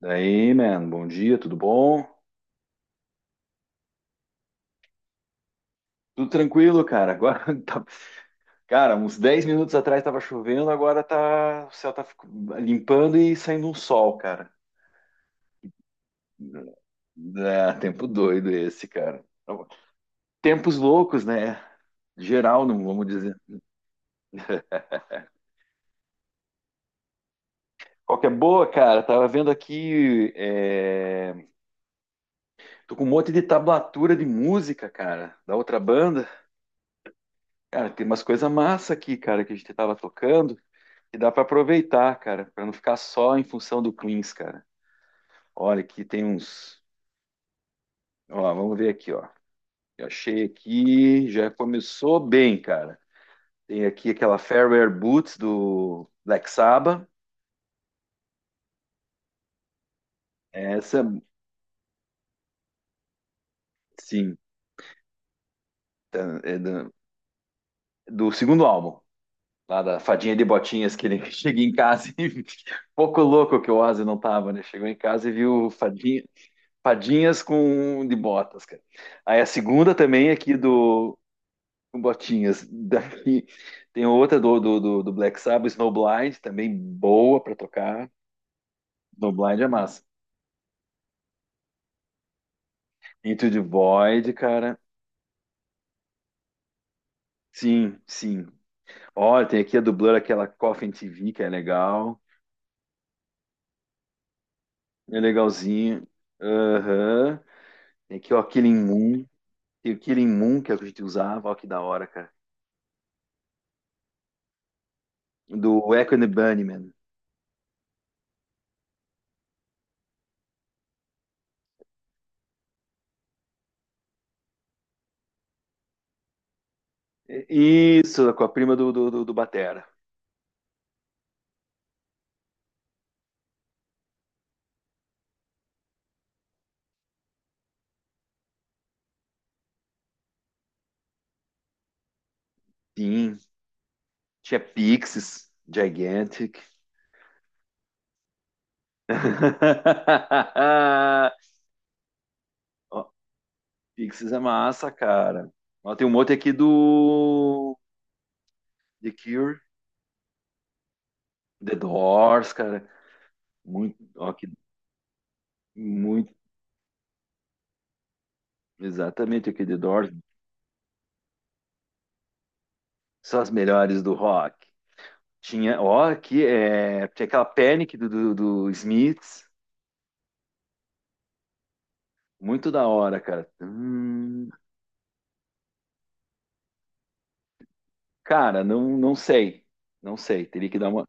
Daí, man, bom dia, tudo bom? Tudo tranquilo, cara. Agora, cara, uns 10 minutos atrás tava chovendo, o céu limpando e saindo um sol, cara. É, tempo doido esse, cara. Tempos loucos, né? Geral, não vamos dizer. Qual que é boa, cara? Tava vendo aqui, tô com um monte de tablatura de música, cara, da outra banda. Cara, tem umas coisas massa aqui, cara, que a gente tava tocando. E dá para aproveitar, cara, para não ficar só em função do cleans, cara. Olha, aqui tem uns. Ó, vamos ver aqui, ó. Eu achei aqui, já começou bem, cara. Tem aqui aquela Fairwear Boots do Black Sabbath. Essa, sim, tá- é da- do segundo álbum, lá da fadinha de botinhas que ele cheguei em casa e pouco louco que o Ozzy não tava, né? Chegou em casa e viu fadinha, fadinhas com de botas, cara. Aí a segunda também aqui do Botinhas. Daí tem outra do Black Sabbath, Snowblind, também boa pra tocar. Snowblind é massa. Into the Void, cara. Sim, sim. Olha, tem aqui a do Blur, aquela Coffin TV, que é legal. É legalzinho. Aham. Tem aqui, ó, Killing Moon. Tem o Killing Moon, que é o que a gente usava. Ó, que da hora, cara. Do Echo and the Bunnymen. Isso, com a prima do Batera. Sim. Tinha Pixies, Gigantic. Ó, Pixies é massa, cara. Ó, tem um monte aqui do The Cure, The Doors, cara. Muito, ó, que, muito, Exatamente aqui, The Doors. São as melhores do rock. Tinha, ó, aqui é, Tinha aquela Panic do Smiths. Muito da hora, cara. Cara, não sei. Não sei. Teria que dar uma.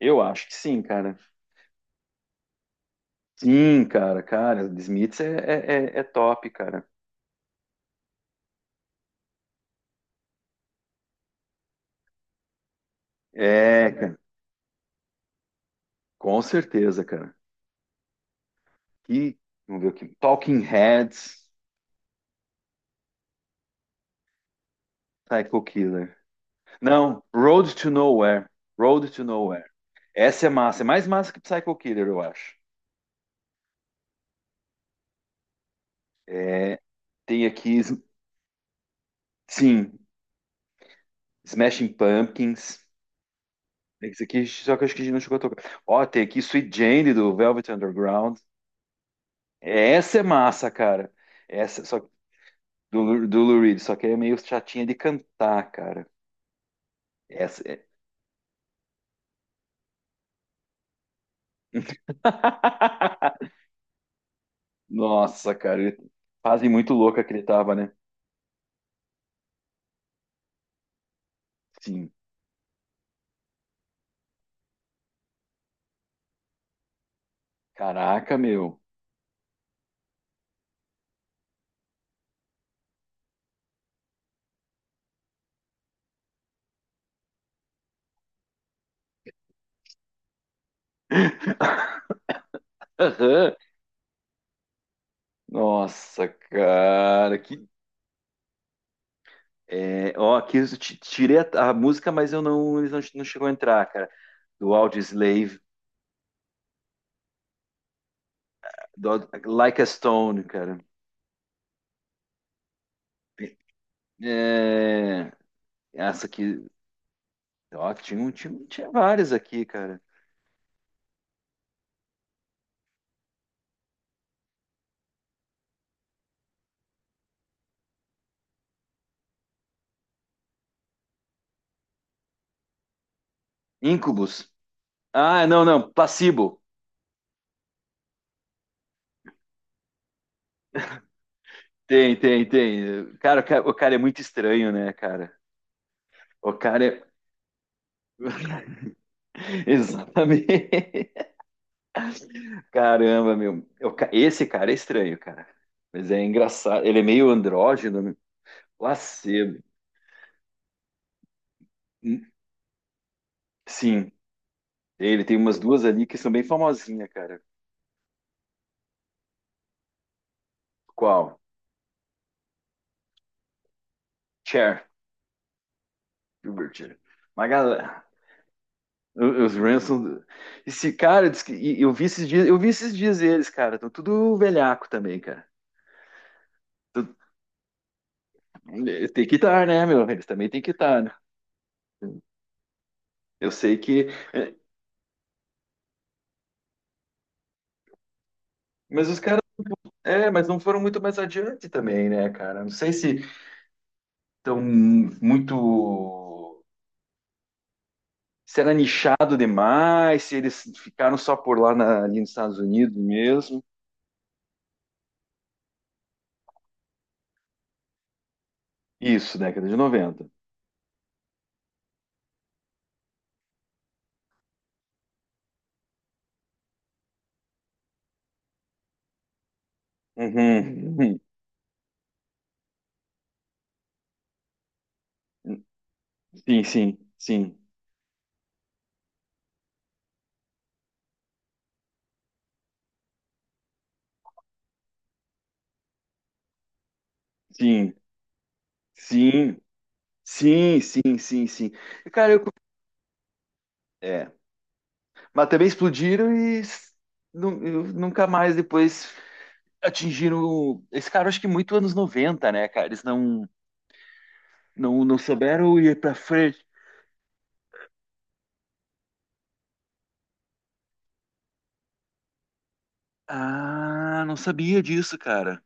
Eu acho que sim, cara. Sim, cara. The Smiths é top, cara. É, cara, com certeza, cara. E, vamos ver aqui. Talking Heads, Psycho Killer. Não, Road to Nowhere. Road to Nowhere. Essa é massa, é mais massa que Psycho Killer, eu acho. É, tem aqui, sim, Smashing Pumpkins. Tem Esse aqui, só que eu acho que a gente não chegou a tocar. Ó, tem aqui Sweet Jane do Velvet Underground. É, essa é massa, cara. Essa, só que- do, Lu- Do Lou Reed, só que é meio chatinha de cantar, cara. Essa é. Nossa, cara, ele... fase muito louca que ele tava, né? Sim. Caraca, meu. Aham. Nossa, cara, aqui eu tirei a música, mas eu não, eles não, não chegou a entrar, cara. Do Audioslave, do Like a Stone, cara. É, essa aqui, ó, tinha várias aqui, cara. Incubus. Ah, não, não, Placebo. Tem, tem, tem. Cara, o cara é muito estranho, né, cara? O cara é, exatamente. Caramba, meu. Esse cara é estranho, cara. Mas é engraçado. Ele é meio andrógeno, né? Lacedo. Hum, Sim, ele tem umas duas ali que são bem famosinhas, cara. Qual? Cher. Gilbert. Cher. Uma galera. O- Os Ransom. Esse cara, eu vi esses dias, eu vi esses dias eles, cara. Estão tudo velhaco também, cara. Tu- Tem que estar, né, meu? Eles também tem que estar, né? Eu sei que. Mas os caras. É, mas não foram muito mais adiante também, né, cara? Não sei se estão muito. Se era nichado demais, se eles ficaram só por ali nos Estados Unidos mesmo. Isso, década de 90. Uhum, uhum. Sim, sim, sim, sim, sim, sim, sim, sim, sim. Cara, eu... É, mas também explodiram e s- nu- eu- nunca mais depois atingiram. Esse cara, acho que muito anos 90, né, cara? Eles não. Não, não souberam ir pra frente. Ah, não sabia disso, cara.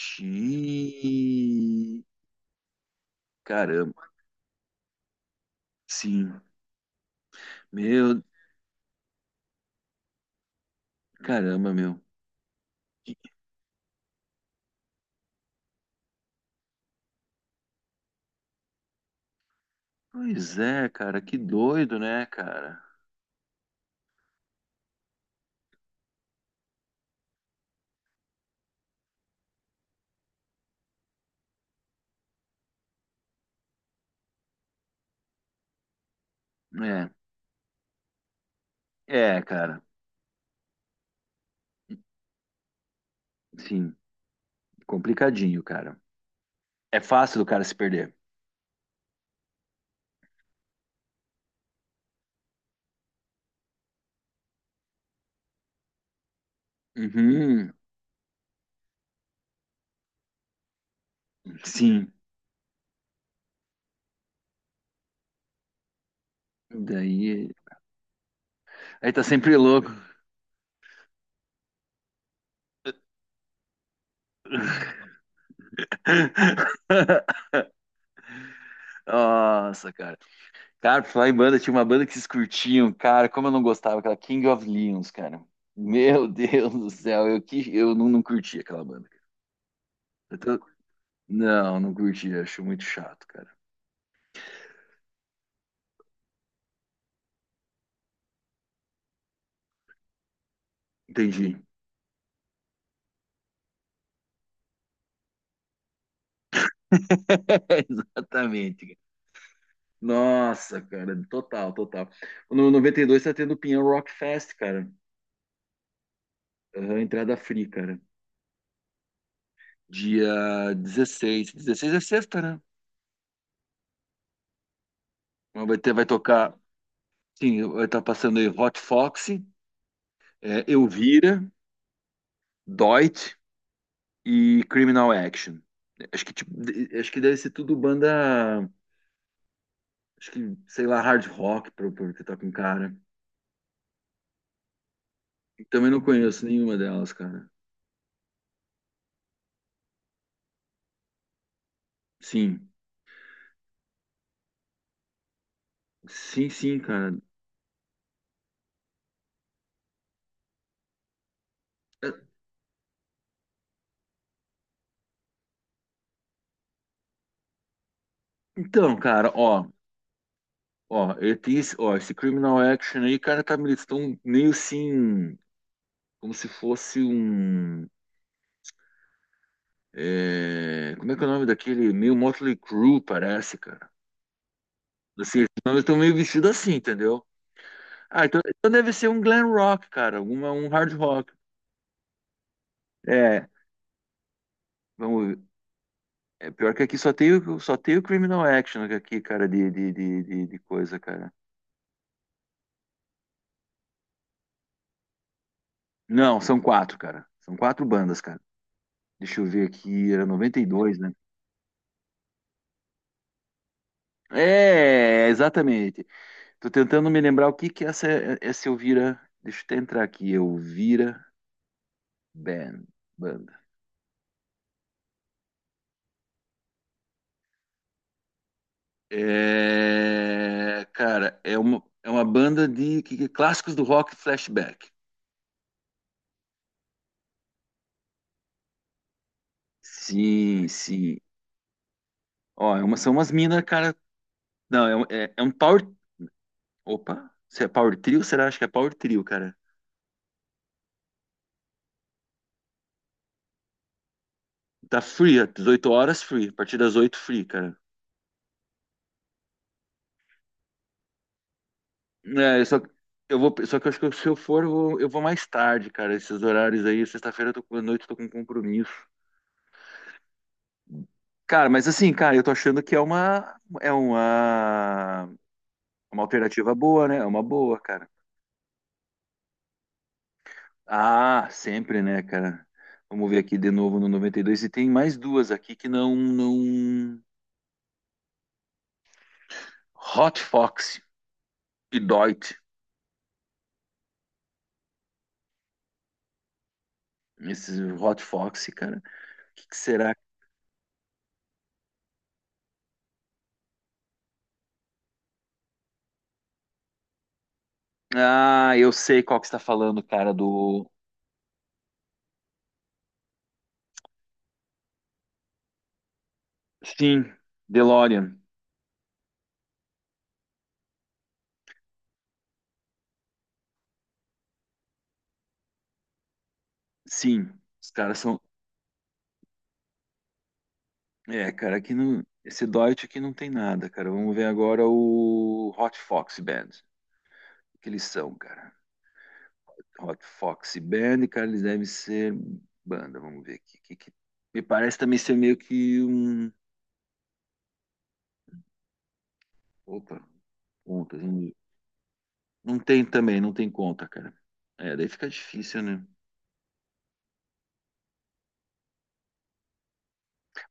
Xiii. Caramba. Sim. Meu, caramba, meu. Que- Pois é, cara, que doido, né, cara? É, é, cara. Sim, complicadinho, cara. É fácil do cara se perder. Uhum, sim. Daí, aí tá sempre louco. Nossa, cara. Cara, pra falar em banda, tinha uma banda que vocês curtiam, cara, como eu não gostava, aquela King of Leons, cara. Meu Deus do céu, eu, que, eu não, não curti aquela banda. Cara. Eu tô- Não, não curti, acho muito chato, cara. Entendi. Exatamente. Cara. Nossa, cara, total, total. No 92 tá tendo o Pinhão Rock Fest, cara. Aham, entrada free, cara. Dia 16. 16 é sexta, né? Mas vai ter, vai tocar, sim, vai estar passando aí Hot Foxy, é, Elvira, Doit. E Criminal Action. Acho que, acho que deve ser tudo banda, acho que, sei lá, hard rock, pra que tá com cara. Também não conheço nenhuma delas, cara. Sim, sim, cara. É, então, cara, ó, ó, eu tenho esse, ó, esse Criminal Action aí, cara, tá, eles estão meio assim, como se fosse um, é, como é que é o nome daquele, meio Motley Crue, parece, cara. Assim, eles estão meio vestidos assim, entendeu? Ah, então, então deve ser um glam rock, cara, alguma, um hard rock. É, vamos ver. É pior que aqui só tem, só tem o Criminal Action aqui, cara, de coisa, cara. Não, são quatro, cara. São quatro bandas, cara. Deixa eu ver aqui, era 92, né? É, exatamente. Tô tentando me lembrar o que que é essa Elvira. Deixa eu até entrar aqui, Elvira Band, banda. É, cara, é uma banda de clássicos do rock flashback. Sim, sim. Ó, é uma, são umas minas, cara. Não, é um power. Opa, se é power trio? Será? Acho que é power trio, cara. Tá free, ó, 18 horas free. A partir das 8 free, cara. É, eu vou, só que eu acho que se eu for, eu vou mais tarde, cara. Esses horários aí, sexta-feira eu à noite eu tô com compromisso. Cara, mas assim, cara, eu tô achando que é uma alternativa boa, né? É uma boa, cara. Ah, sempre, né, cara? Vamos ver aqui de novo no 92. E tem mais duas aqui que não, não... Hot Fox e Deutsch. Esses Hot Fox, cara. O que que será? Ah, eu sei qual que você está falando, cara, do... Sim, DeLorean. Sim, os caras são... É, cara, aqui não... Esse Deutsch aqui não tem nada, cara. Vamos ver agora o Hot Fox Band. O que eles são, cara? Hot Fox Band, cara, eles devem ser banda, vamos ver aqui. Me parece também ser meio que um. Opa, contas. Não não tem também, não tem conta, cara. É, daí fica difícil, né?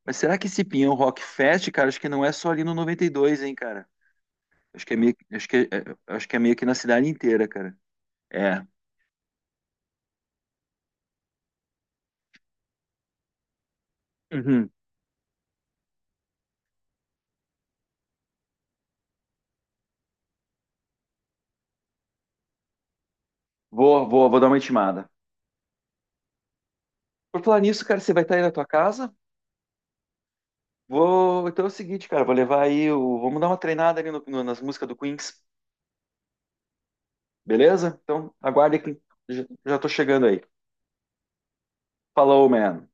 Mas será que esse Pinhão Rock Fest, cara, acho que não é só ali no 92, hein, cara? Acho que é meio, acho que é meio que na cidade inteira, cara. É. Uhum. Vou dar uma intimada. Por falar nisso, cara, você vai estar aí na tua casa? Vou. Então é o seguinte, cara, vou levar aí o. Vamos dar uma treinada ali nas músicas do Queens. Beleza? Então, aguarde que já estou chegando aí. Falou, man.